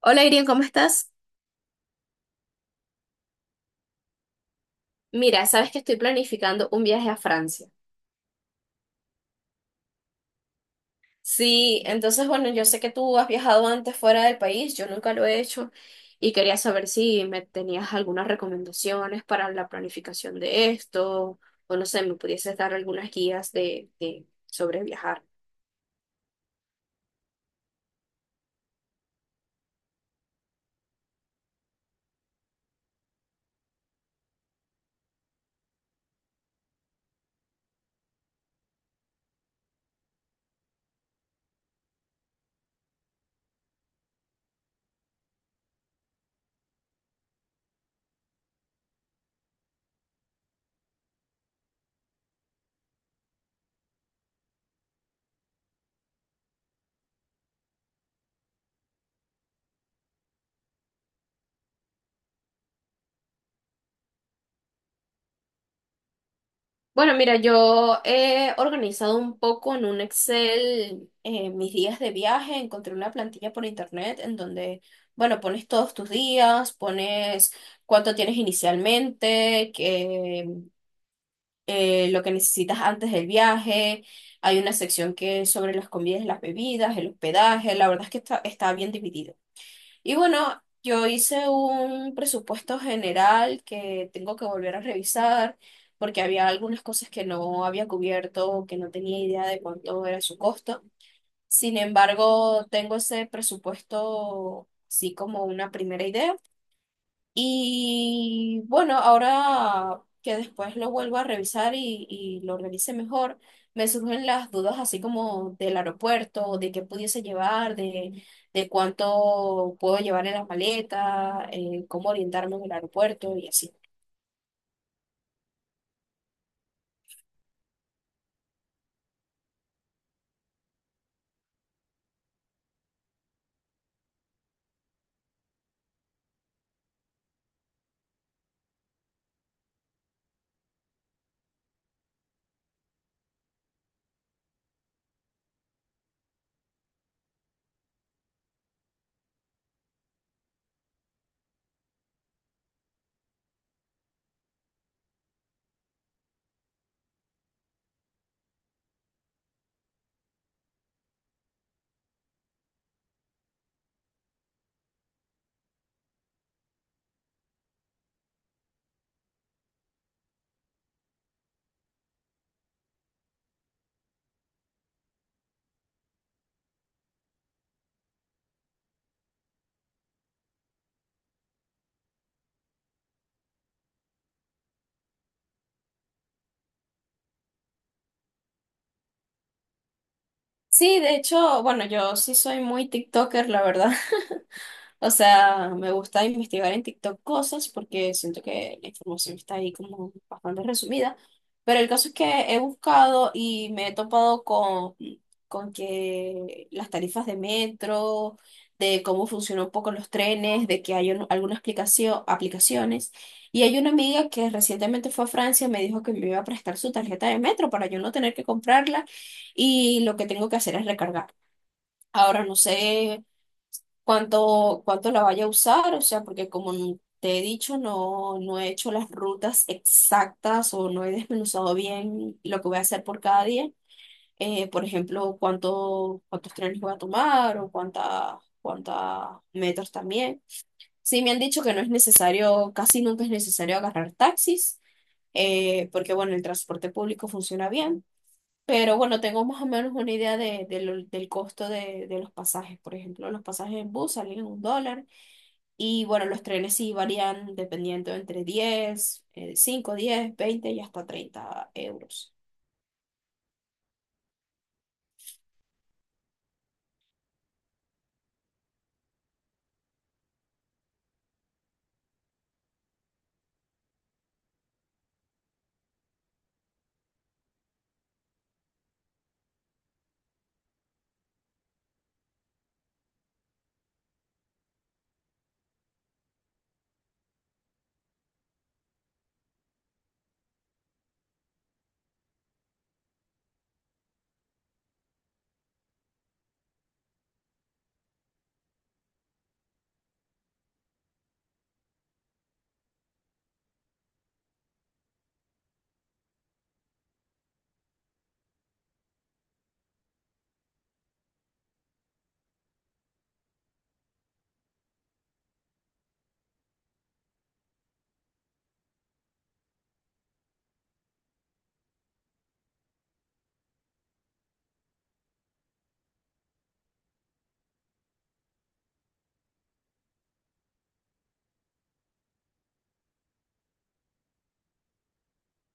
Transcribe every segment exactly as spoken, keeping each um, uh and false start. Hola Irene, ¿cómo estás? Mira, sabes que estoy planificando un viaje a Francia. Sí, entonces bueno, yo sé que tú has viajado antes fuera del país, yo nunca lo he hecho y quería saber si me tenías algunas recomendaciones para la planificación de esto o no sé, me pudieses dar algunas guías de, de sobre viajar. Bueno, mira, yo he organizado un poco en un Excel eh, mis días de viaje. Encontré una plantilla por internet en donde, bueno, pones todos tus días, pones cuánto tienes inicialmente, que, eh, lo que necesitas antes del viaje. Hay una sección que es sobre las comidas, las bebidas, el hospedaje. La verdad es que está, está bien dividida. Y bueno, yo hice un presupuesto general que tengo que volver a revisar porque había algunas cosas que no había cubierto o que no tenía idea de cuánto era su costo. Sin embargo, tengo ese presupuesto así como una primera idea. Y bueno, ahora que después lo vuelvo a revisar y, y lo revise mejor, me surgen las dudas así como del aeropuerto, de qué pudiese llevar, de, de cuánto puedo llevar en la maleta, eh, cómo orientarme en el aeropuerto y así. Sí, de hecho, bueno, yo sí soy muy TikToker, la verdad. O sea, me gusta investigar en TikTok cosas porque siento que la información está ahí como bastante resumida. Pero el caso es que he buscado y me he topado con, con que las tarifas de metro, de cómo funcionan un poco los trenes, de que hay un- algunas aplicación, aplicaciones. Y hay una amiga que recientemente fue a Francia y me dijo que me iba a prestar su tarjeta de metro para yo no tener que comprarla y lo que tengo que hacer es recargar. Ahora no sé cuánto, cuánto la vaya a usar, o sea, porque como n- te he dicho, no, no he hecho las rutas exactas o no he desmenuzado bien lo que voy a hacer por cada día. Eh, por ejemplo, cuánto, cuántos trenes voy a tomar o cuántas cuántas metros también. Sí, me han dicho que no es necesario, casi nunca es necesario agarrar taxis, eh, porque bueno, el transporte público funciona bien. Pero bueno, tengo más o menos una idea de, de lo- del costo de, de los pasajes. Por ejemplo, los pasajes en bus salen en un dólar, y bueno, los trenes sí varían dependiendo entre diez eh, cinco, diez, veinte y hasta treinta euros.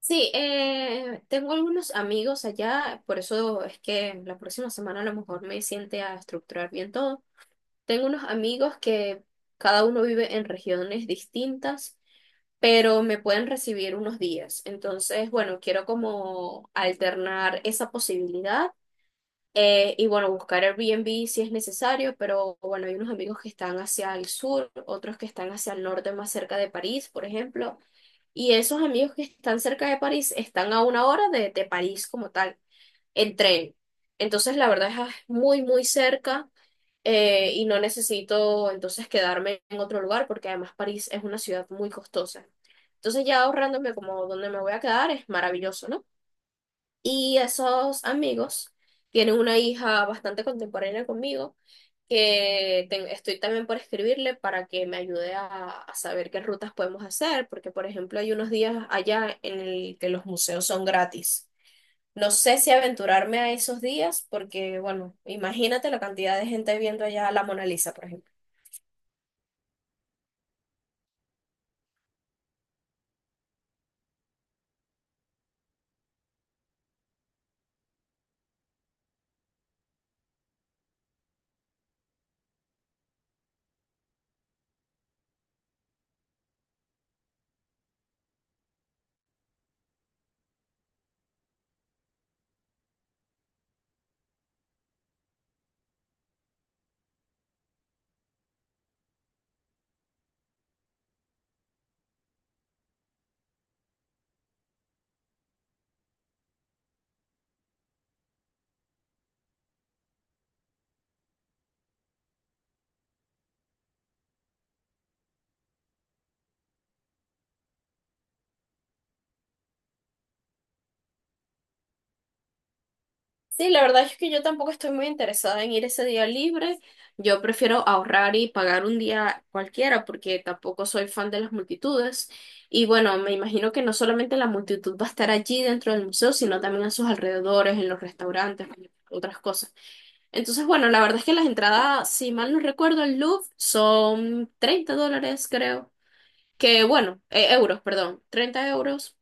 Sí, eh, tengo algunos amigos allá, por eso es que la próxima semana a lo mejor me siente a estructurar bien todo. Tengo unos amigos que cada uno vive en regiones distintas, pero me pueden recibir unos días. Entonces, bueno, quiero como alternar esa posibilidad. Eh, y bueno, buscar Airbnb si es necesario, pero bueno, hay unos amigos que están hacia el sur, otros que están hacia el norte, más cerca de París, por ejemplo. Y esos amigos que están cerca de París están a una hora de, de París como tal, en tren. Entonces, la verdad es ah, muy, muy cerca eh, y no necesito entonces quedarme en otro lugar porque además París es una ciudad muy costosa. Entonces, ya ahorrándome como donde me voy a quedar es maravilloso, ¿no? Y esos amigos tienen una hija bastante contemporánea conmigo, que ten- estoy también por escribirle para que me ayude a, a saber qué rutas podemos hacer, porque por ejemplo hay unos días allá en el que los museos son gratis. No sé si aventurarme a esos días, porque bueno, imagínate la cantidad de gente viendo allá la Mona Lisa, por ejemplo. Sí, la verdad es que yo tampoco estoy muy interesada en ir ese día libre. Yo prefiero ahorrar y pagar un día cualquiera porque tampoco soy fan de las multitudes. Y bueno, me imagino que no solamente la multitud va a estar allí dentro del museo, sino también a sus alrededores, en los restaurantes, en otras cosas. Entonces, bueno, la verdad es que las entradas, si mal no recuerdo, el Louvre son treinta dólares, creo. Que bueno, eh, euros, perdón, treinta euros,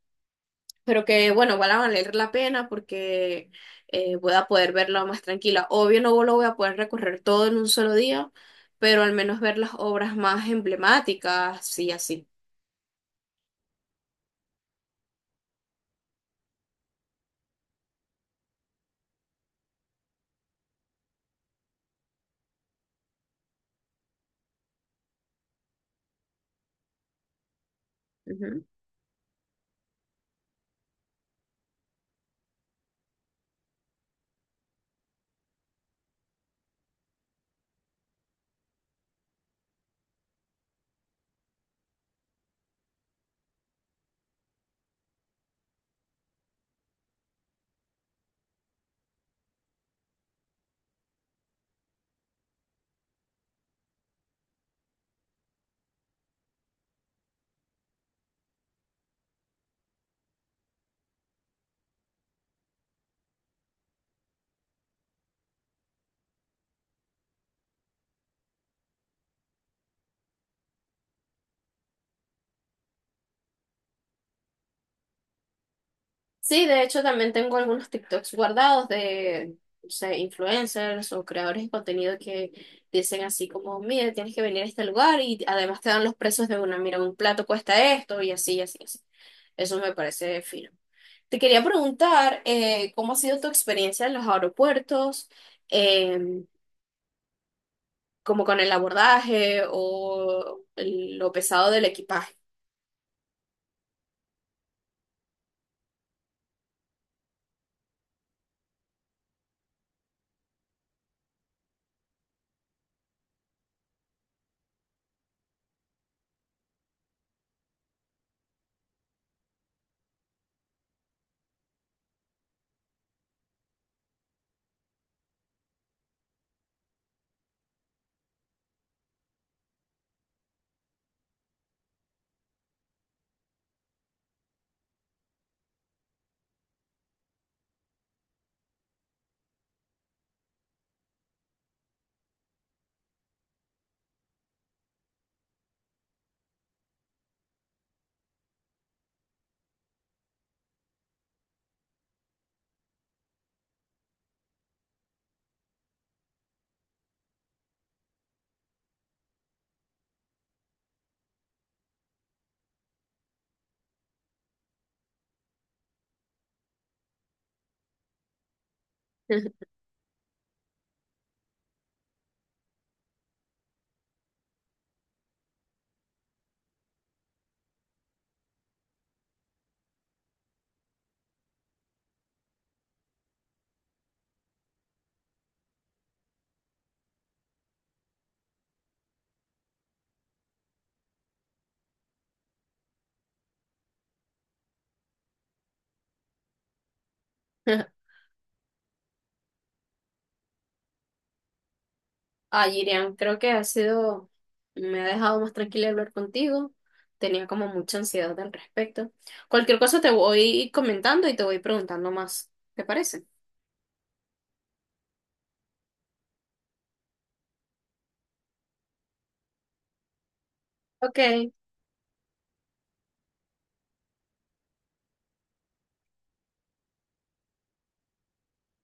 pero que bueno, igual va a valer la pena porque eh, voy a poder verla más tranquila. Obvio no lo voy a poder recorrer todo en un solo día, pero al menos ver las obras más emblemáticas, sí, así. Sí, de hecho también tengo algunos TikToks guardados de, no sé, influencers o creadores de contenido que dicen así como, mira, tienes que venir a este lugar y además te dan los precios de una, mira, un plato cuesta esto y así, y así, y así. Eso me parece fino. Te quería preguntar, eh, ¿cómo ha sido tu experiencia en los aeropuertos? Em, como con el abordaje o el- lo pesado del equipaje. Ah, Irian, creo que ha sido, me ha dejado más tranquila hablar contigo. Tenía como mucha ansiedad al respecto. Cualquier cosa te voy comentando y te voy preguntando más. ¿Te parece? Ok,